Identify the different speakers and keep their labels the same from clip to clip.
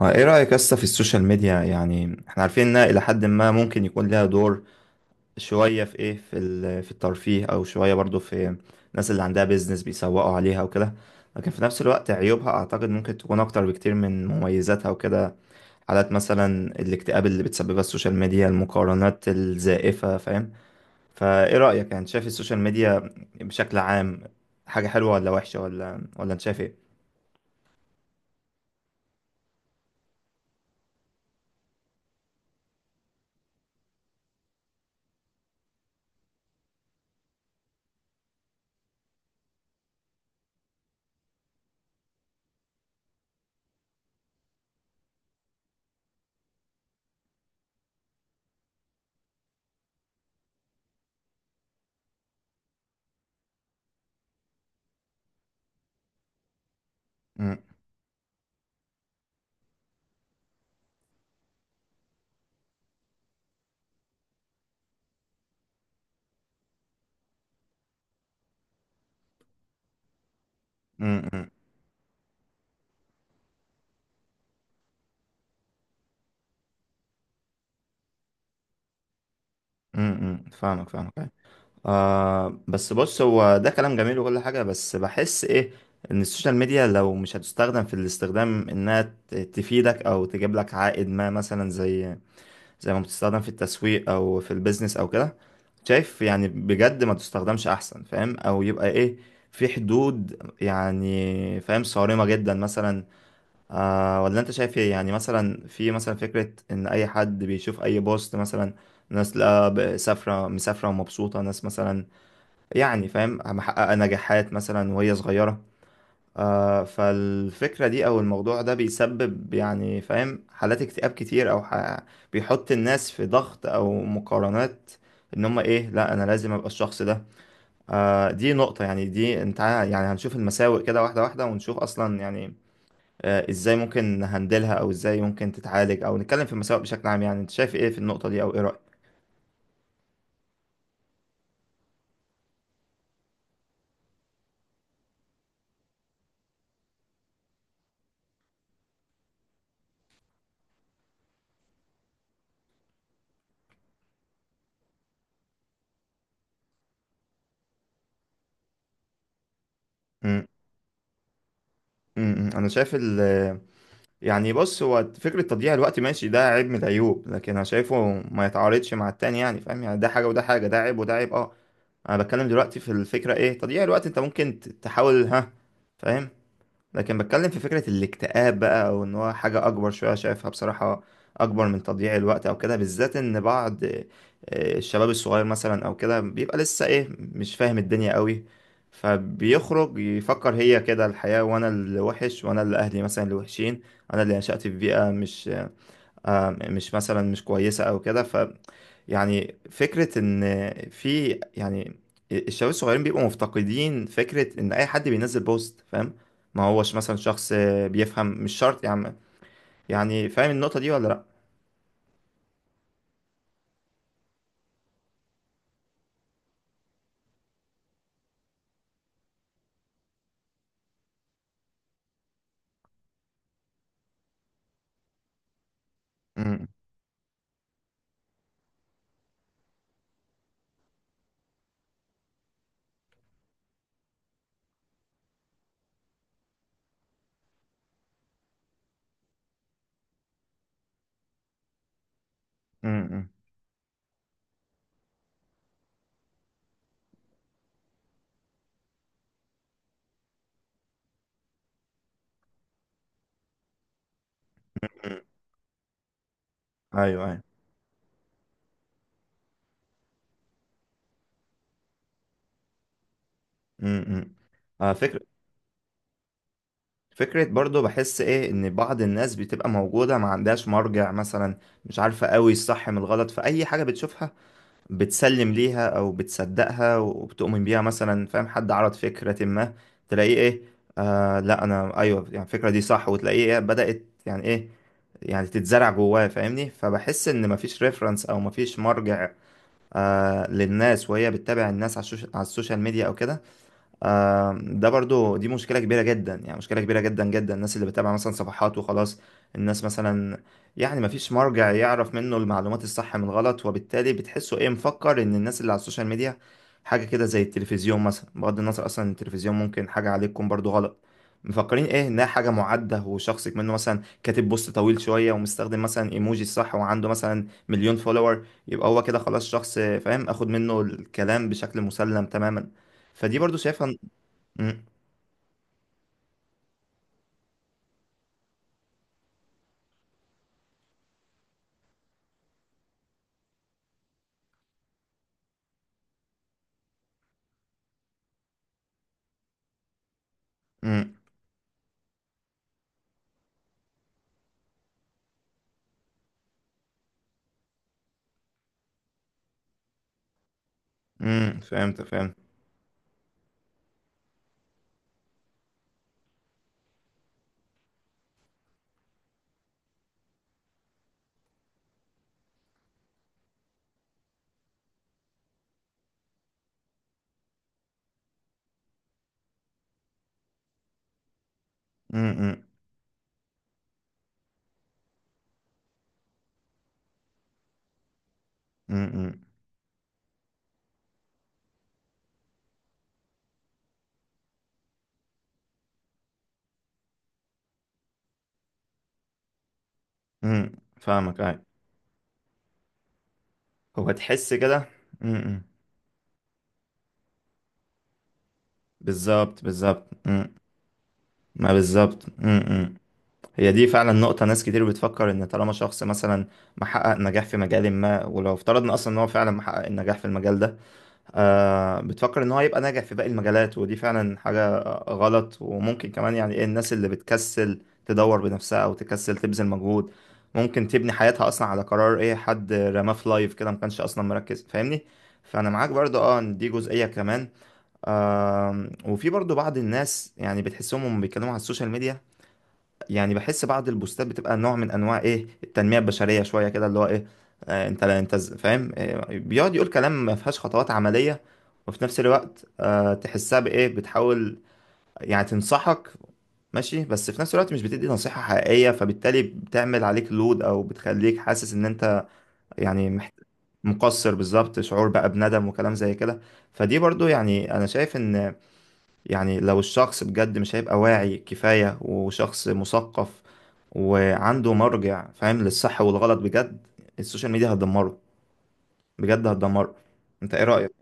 Speaker 1: اه، ايه رأيك اصلا في السوشيال ميديا؟ يعني احنا عارفين انها الى حد ما ممكن يكون لها دور شوية في ايه، في الترفيه او شوية برضو في الناس اللي عندها بيزنس بيسوقوا عليها وكده. لكن في نفس الوقت عيوبها اعتقد ممكن تكون اكتر بكتير من مميزاتها وكده. حالات مثلا الاكتئاب اللي بتسببها السوشيال ميديا، المقارنات الزائفة، فاهم؟ فايه رأيك، يعني شايف السوشيال ميديا بشكل عام حاجة حلوة ولا وحشة ولا انت شايف ايه؟ امم، امم، امم، فاهمك فاهمك. بس بص هو ده كلام جميل وكل حاجة، بس بحس ايه ان السوشيال ميديا لو مش هتستخدم في الاستخدام انها تفيدك او تجيب لك عائد ما، مثلا زي ما بتستخدم في التسويق او في البيزنس او كده، شايف يعني بجد ما تستخدمش احسن، فاهم؟ او يبقى ايه في حدود، يعني فاهم، صارمة جدا مثلا. ولا انت شايف ايه؟ يعني مثلا في مثلا فكرة ان اي حد بيشوف اي بوست مثلا ناس لا ب- سافرة مسافرة ومبسوطة، ناس مثلا يعني فاهم محققة نجاحات مثلا وهي صغيرة. فالفكرة دي أو الموضوع ده بيسبب يعني فاهم حالات اكتئاب كتير، بيحط الناس في ضغط أو مقارنات إن هما إيه، لا أنا لازم أبقى الشخص ده. دي نقطة، يعني دي يعني هنشوف المساوئ كده واحدة واحدة ونشوف أصلا يعني إزاي ممكن نهندلها أو إزاي ممكن تتعالج أو نتكلم في المساوئ بشكل عام، يعني أنت شايف إيه في النقطة دي أو إيه رأيك؟ م- م- م. أنا شايف ال، يعني بص هو فكرة تضييع الوقت ماشي، ده عيب من العيوب، لكن أنا شايفه ما يتعارضش مع التاني، يعني فاهم؟ يعني ده حاجة وده حاجة، ده عيب وده عيب. أنا بتكلم دلوقتي في الفكرة إيه تضييع الوقت، أنت ممكن تحاول ها، فاهم؟ لكن بتكلم في فكرة الاكتئاب بقى، او ان هو حاجة اكبر شوية شايفها بصراحة اكبر من تضييع الوقت او كده، بالذات ان بعض الشباب الصغير مثلا او كده بيبقى لسه ايه مش فاهم الدنيا قوي، فبيخرج يفكر هي كده الحياة وانا اللي وحش وانا اللي اهلي مثلا اللي وحشين، انا اللي نشأت في بيئة مش آه، مش مثلا مش كويسة او كده. يعني فكرة إن في يعني الشباب الصغيرين بيبقوا مفتقدين فكرة إن أي حد بينزل بوست فاهم، ما هوش مثلا شخص بيفهم مش شرط يعني فاهم النقطة دي ولا لأ؟ امم، امم، أيوه أيوه، امم. فكرة، فكرة برضو بحس إيه إن بعض الناس بتبقى موجودة ما عندهاش مرجع مثلا، مش عارفة قوي الصح من الغلط، فأي حاجة بتشوفها بتسلم ليها او بتصدقها وبتؤمن بيها مثلا، فاهم؟ حد عرض فكرة ما تلاقيه ايه لا انا ايوه، يعني الفكرة دي صح، وتلاقيه إيه بدأت يعني ايه يعني تتزرع جواه فاهمني، فبحس ان مفيش ريفرنس او مفيش مرجع للناس وهي بتتابع الناس على على السوشيال ميديا او كده. ده برضو، دي مشكلة كبيرة جدا، يعني مشكلة كبيرة جدا جدا، الناس اللي بتتابع مثلا صفحات وخلاص، الناس مثلا يعني مفيش مرجع يعرف منه المعلومات الصح من غلط، وبالتالي بتحسه ايه مفكر ان الناس اللي على السوشيال ميديا حاجة كده زي التلفزيون مثلا، بغض النظر اصلا إن التلفزيون ممكن حاجة عليكم برضو غلط، مفكرين ايه انها حاجة معدة، وشخصك منه مثلا كاتب بوست طويل شوية ومستخدم مثلا ايموجي الصح وعنده مثلا مليون فولور، يبقى هو كده خلاص شخص فاهم، اخد منه الكلام بشكل مسلم تماما، فدي برضو شايفها. امم، امم، فهمت فهمت، امم، امم، امم فاهمك اي، هو تحس كده، امم، بالظبط بالظبط، امم، ما بالظبط، امم. هي دي فعلا نقطة، ناس كتير بتفكر ان طالما شخص مثلا محقق نجاح في مجال ما، ولو افترضنا اصلا ان هو فعلا محقق النجاح في المجال ده بتفكر ان هو يبقى ناجح في باقي المجالات، ودي فعلا حاجة غلط. وممكن كمان يعني ايه الناس اللي بتكسل تدور بنفسها او تكسل تبذل مجهود ممكن تبني حياتها اصلا على قرار ايه حد رماه في لايف كده ما كانش اصلا مركز فاهمني. فانا معاك برضو ان دي جزئية كمان. وفي برضو بعض الناس يعني بتحسهم هم بيتكلموا على السوشيال ميديا يعني، بحس بعض البوستات بتبقى نوع من انواع ايه التنميه البشريه شويه كده اللي هو ايه. انت لا انت فاهم، بيقعد يقول كلام ما فيهاش خطوات عمليه، وفي نفس الوقت تحسها بايه بتحاول يعني تنصحك، ماشي، بس في نفس الوقت مش بتدي نصيحه حقيقيه، فبالتالي بتعمل عليك لود او بتخليك حاسس ان انت يعني مقصر، بالظبط، شعور بقى بندم وكلام زي كده. فدي برضو يعني انا شايف ان يعني لو الشخص بجد مش هيبقى واعي كفاية وشخص مثقف وعنده مرجع فاهم للصح والغلط بجد، السوشيال ميديا هتدمره، بجد هتدمره. انت ايه رأيك؟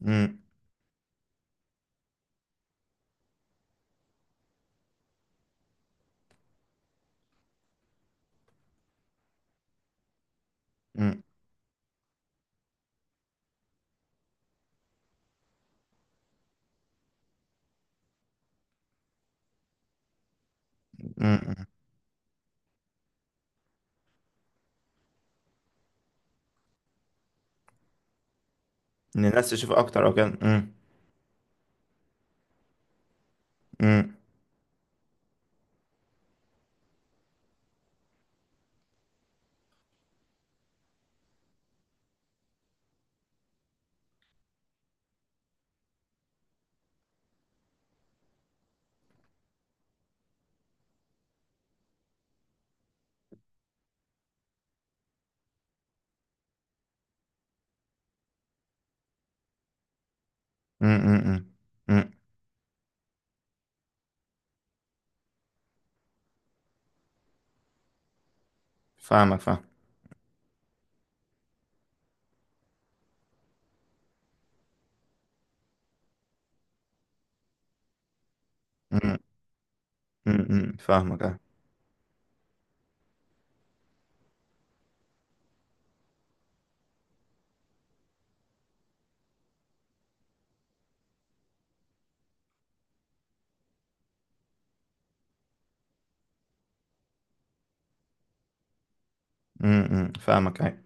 Speaker 1: مم، مم، مم، مم. ان الناس تشوف اكتر او كده، مم، مم، مم، مم، مم، فاهمك فاهم، مم، مم، مم، فاهمك اه، مم، مم، فاهمك آه.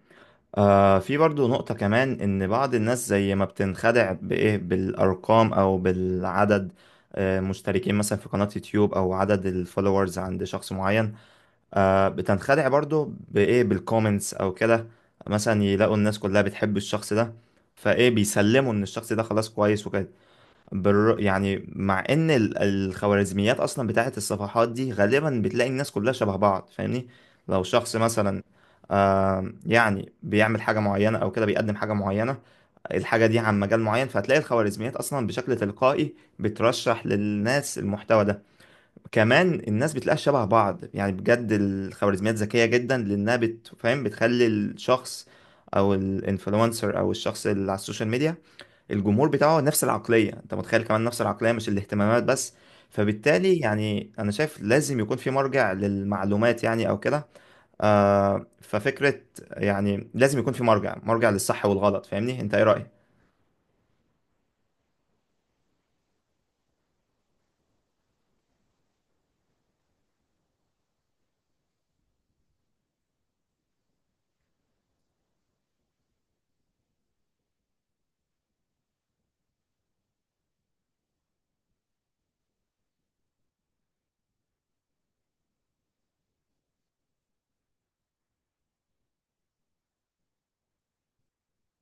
Speaker 1: في برضو نقطة كمان إن بعض الناس زي ما بتنخدع بإيه بالأرقام أو بالعدد، مشتركين مثلا في قناة يوتيوب أو عدد الفولورز عند شخص معين، بتنخدع برضو بإيه بالكومنتس أو كده، مثلا يلاقوا الناس كلها بتحب الشخص ده فإيه بيسلموا إن الشخص ده خلاص كويس وكده. يعني مع ان الخوارزميات اصلا بتاعت الصفحات دي غالبا بتلاقي الناس كلها شبه بعض فاهمني. لو شخص مثلا يعني بيعمل حاجة معينة او كده، بيقدم حاجة معينة، الحاجة دي عن مجال معين، فهتلاقي الخوارزميات اصلا بشكل تلقائي بترشح للناس المحتوى ده. كمان الناس بتلاقيها شبه بعض، يعني بجد الخوارزميات ذكية جدا، لانها بتفهم بتخلي الشخص او الانفلونسر او الشخص اللي على السوشيال ميديا الجمهور بتاعه نفس العقلية، انت متخيل؟ كمان نفس العقلية مش الاهتمامات بس. فبالتالي يعني انا شايف لازم يكون في مرجع للمعلومات يعني او كده، ففكرة يعني لازم يكون في مرجع، مرجع للصح والغلط فاهمني. انت ايه رأيك؟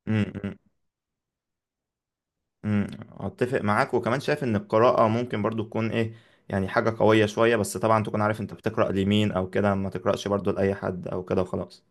Speaker 1: امم، امم، اتفق معاك. وكمان شايف ان القراءة ممكن برضو تكون ايه يعني حاجة قوية شوية، بس طبعا تكون عارف انت بتقرأ لمين او كده، ما تقرأش برضو لأي حد او كده وخلاص.